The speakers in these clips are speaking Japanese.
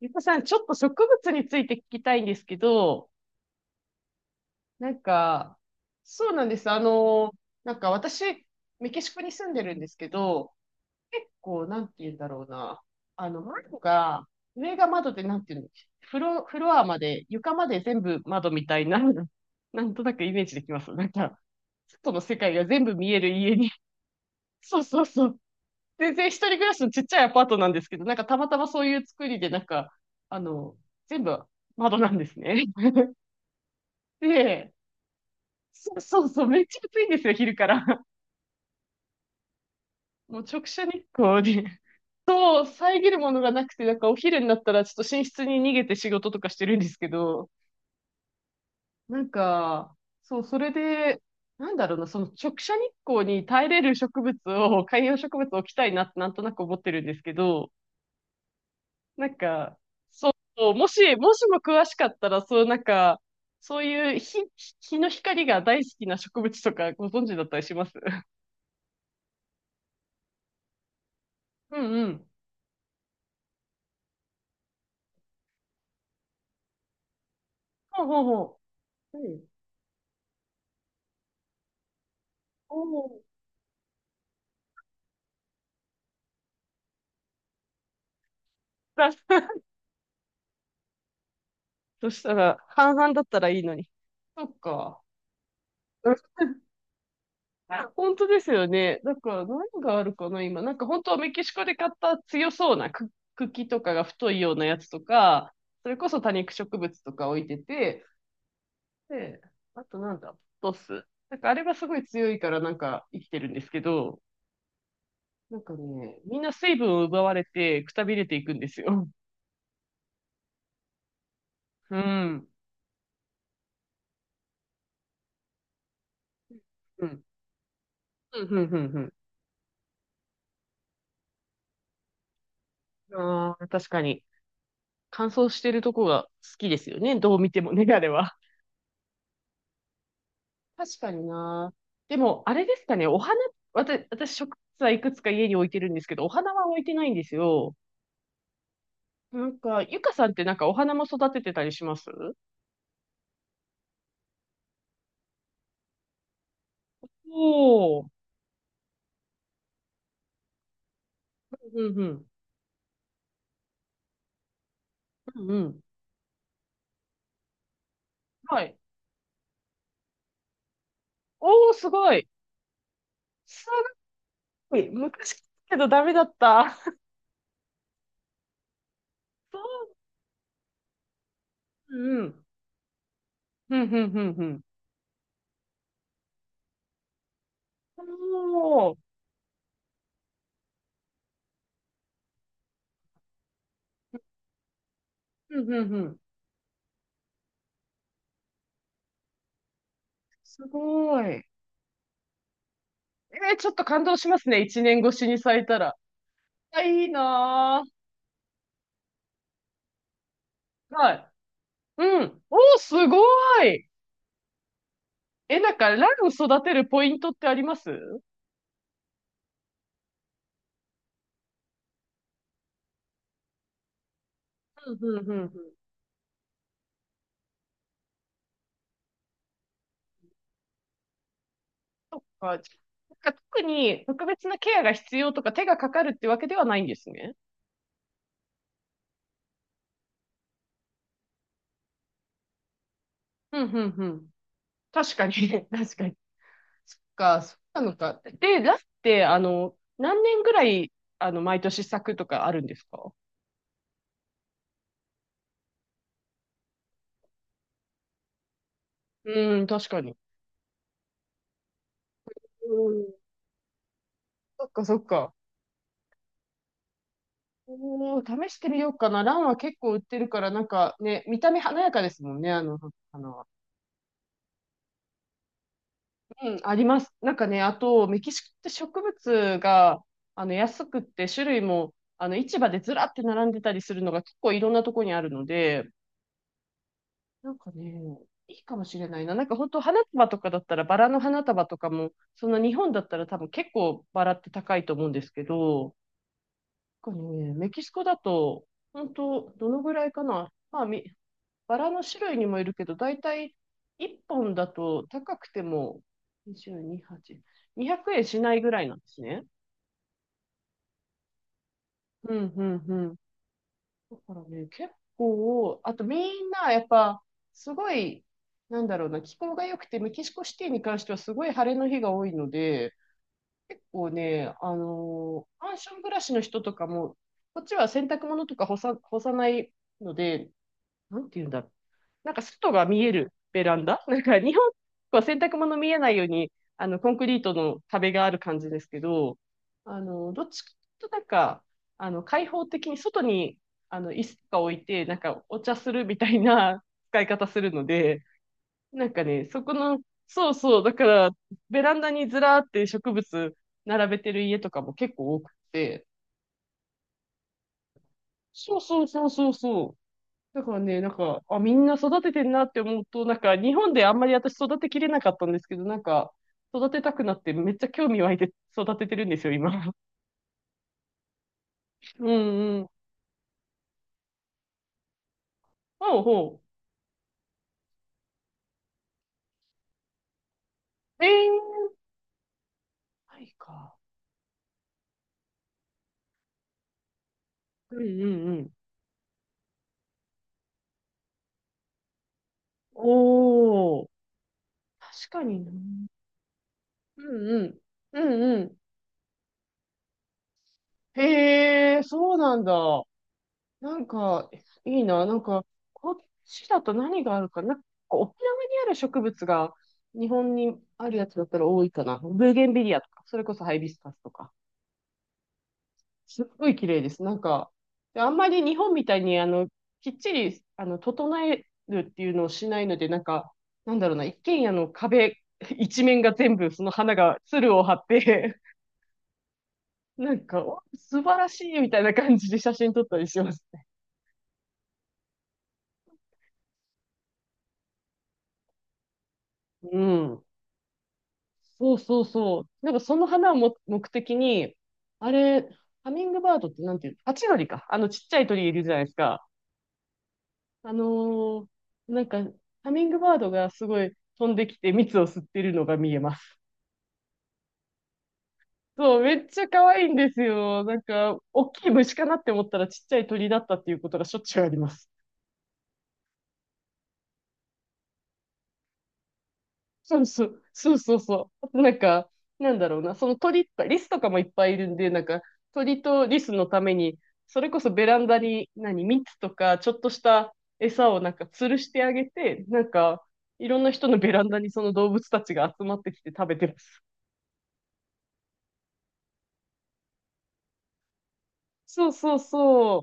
ゆかさん、ちょっと植物について聞きたいんですけど、なんか、そうなんです。なんか私、メキシコに住んでるんですけど、結構、なんて言うんだろうな。あの、窓が、上が窓で、なんて言うの、フロアまで、床まで全部窓みたいな、なんとなくイメージできます。なんか、外の世界が全部見える家に。そうそうそう。全然一人暮らしのちっちゃいアパートなんですけど、なんかたまたまそういう作りで、あの、全部窓なんですね。で、そう そうそう、めっちゃ暑いんですよ、昼から。もう直射日光で。そう、遮るものがなくて、なんかお昼になったらちょっと寝室に逃げて仕事とかしてるんですけど、なんか、そう、それで、なんだろうな、その直射日光に耐えれる植物を、観葉植物を置きたいなってなんとなく思ってるんですけど、なんか、そう、もしも詳しかったら、そう、なんか、そういう日、日の光が大好きな植物とかご存知だったりします？ うんうん。ほうほうほう。うん。おお。だ そしたら、半々だったらいいのに。そっか。うん 本当ですよね。だから何があるかな、今。なんか本当はメキシコで買った強そうなく茎とかが太いようなやつとか、それこそ多肉植物とか置いてて、で、あとなんだ、ポトス。なんかあれがすごい強いからなんか生きてるんですけど、なんかね、みんな水分を奪われてくたびれていくんですよ。うん。うん。うん、うん、うん、うん。ああ、確かに。乾燥してるとこが好きですよね。どう見てもね、あれは。確かにな。でも、あれですかね、お花、私、植物はいくつか家に置いてるんですけど、お花は置いてないんですよ。なんか、ゆかさんってなんかお花も育ててたりします？おおー。うんうん。うんうん。はい。おお、すごい。すごい。昔けどダメだった。そう。うんうん。うんうんうんうん。おお。うんうんうん。すごい。えーちょっと感動しますね。一年越しに咲いたら。あ、いいなぁ。はい。うん。おー、すごい。え、なんか、ラン育てるポイントってあります？うんうんうんうん。そっか。じゃなんか特に特別なケアが必要とか手がかかるってわけではないんですね。うんうんうん。確かに、確かに。そっか、そうなのか。で、ランって、あの、何年ぐらい、あの、毎年咲くとかあるんですか？うん、確かに。うん、そっかそっか。おー、試してみようかな。ランは結構売ってるから、なんかね、見た目華やかですもんね、あの、花は。うん、あります。なんかね、あと、メキシコって植物が、あの、安くって、種類も、あの、市場でずらって並んでたりするのが結構いろんなとこにあるので、なんかね、いいかもしれないな。なんか本当花束とかだったら、バラの花束とかも、そんな日本だったら多分結構バラって高いと思うんですけど、なんかね、メキシコだと、本当どのぐらいかな。まあ、みバラの種類にもいるけど、だいたい1本だと高くても22、8、200円しないぐらいなんですね。うん、うん、うん。だからね、結構、あとみんなやっぱ、すごい、なんだろうな、気候が良くて、メキシコシティに関してはすごい晴れの日が多いので、結構ね、あのーマンション暮らしの人とかも、こっちは洗濯物とか干さ、干さないので、なんていうんだろ、なんか外が見えるベランダ なんか日本は洗濯物見えないように、あの、コンクリートの壁がある感じですけど、あの、どっちかとなんか、あの、開放的に外に、あの、椅子とか置いて、なんかお茶するみたいな 使い方するので、なんかね、そこの、そうそう、だから、ベランダにずらーって植物並べてる家とかも結構多くて、そうそうそうそうそう。だからね、なんか、あ、みんな育ててんなって思うと、なんか、日本であんまり私育てきれなかったんですけど、なんか、育てたくなって、めっちゃ興味湧いて育ててるんですよ、今。うんうん。ほうほう。えー、はいか。うんうんうん。おー、確かにな。うんうん。うんうん。へえ、そうなんだ。なんか、いいな。なんか、こっちだと何があるかな。なんか沖縄にある植物が日本にあるやつだったら多いかな。ブーゲンビリアとか、それこそハイビスカスとか。すっごい綺麗です。なんか、であんまり日本みたいに、あの、きっちり、あの、整えるっていうのをしないので、なんか、なんだろうな、一軒家の壁一面が全部その花が、鶴を張って、なんか、お素晴らしいみたいな感じで写真撮ったりしますね。うん。そうそうそう。なんかその花をも目的に、あれ、ハミングバードってなんていうの、ハチドリか。あのちっちゃい鳥いるじゃないですか。あのーなんか、ハミングバードがすごい飛んできて蜜を吸ってるのが見えます。そう、めっちゃ可愛いんですよ。なんか、大きい虫かなって思ったらちっちゃい鳥だったっていうことがしょっちゅうあります。そうそう、そうそうそう。なんか、なんだろうな、その鳥とか、リスとかもいっぱいいるんで、なんか、鳥とリスのために、それこそベランダに、何、蜜とか、ちょっとした餌をなんか吊るしてあげて、なんか、いろんな人のベランダにその動物たちが集まってきて食べてます。そうそうそう。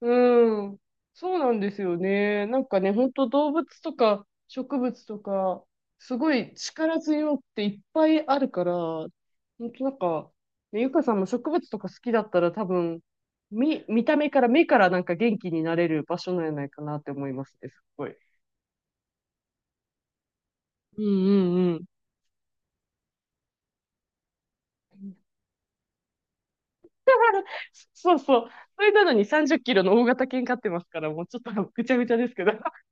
うん。そうなんですよね。なんかね、本当動物とか植物とか、すごい力強くていっぱいあるから、本当なんか、ねゆかさんも植物とか好きだったら多分、見た目から、目からなんか元気になれる場所なんじゃないかなって思いますね、すっごい。うんうんうん。そうそう。それなのに30キロの大型犬飼ってますから、もうちょっとぐちゃぐちゃですけど。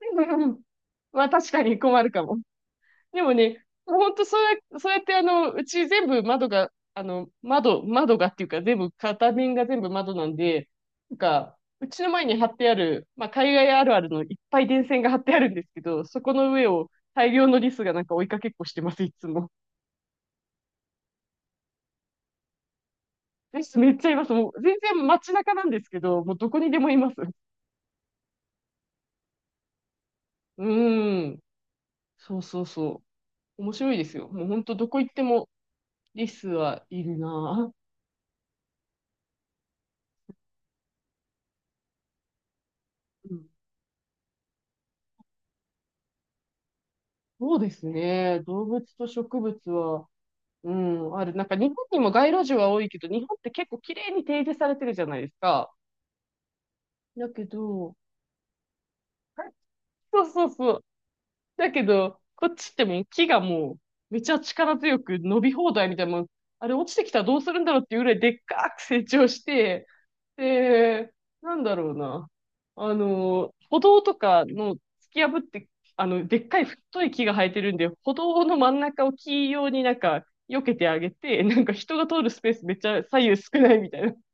うんうん、まあ確かに困るかも。でもね、もうほんとそうやってあの、うち全部窓が、あの、窓、窓がっていうか全部、片面が全部窓なんで、なんか、うちの前に貼ってある、まあ、海外あるあるのいっぱい電線が張ってあるんですけど、そこの上を大量のリスがなんか追いかけっこしてます、いつも。リスめっちゃいます。もう全然街中なんですけど、もうどこにでもいます。うーん。そうそうそう。面白いですよ。もうほんとどこ行ってもリスはいるなぁ。うん、そうですね。動物と植物は、うん、ある。なんか日本にも街路樹は多いけど、日本って結構綺麗に提示されてるじゃないですか。だけど、そうそうそう。だけど、こっちってもう木がもう、めちゃ力強く伸び放題みたいな、もうあれ落ちてきたらどうするんだろうっていうぐらいでっかく成長して、ええなんだろうな。あの、歩道とかの突き破って、あの、でっかい太い木が生えてるんで、歩道の真ん中を木用になんか、避けてあげて、なんか人が通るスペースめっちゃ左右少ないみたいな。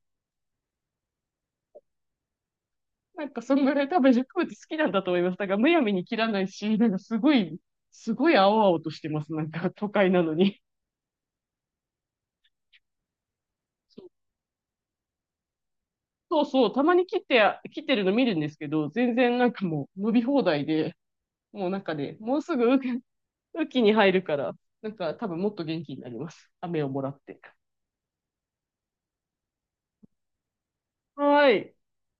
なんかそんぐらい多分植物好きなんだと思います。だんむやみに切らないし、すごい青々としてます。なんか都会なのに。そうそう、たまに切って、切ってるの見るんですけど、全然なんかもう伸び放題で、もうなんかね、もうすぐ雨季に入るから、なんか多分もっと元気になります。雨をもらって。はーい。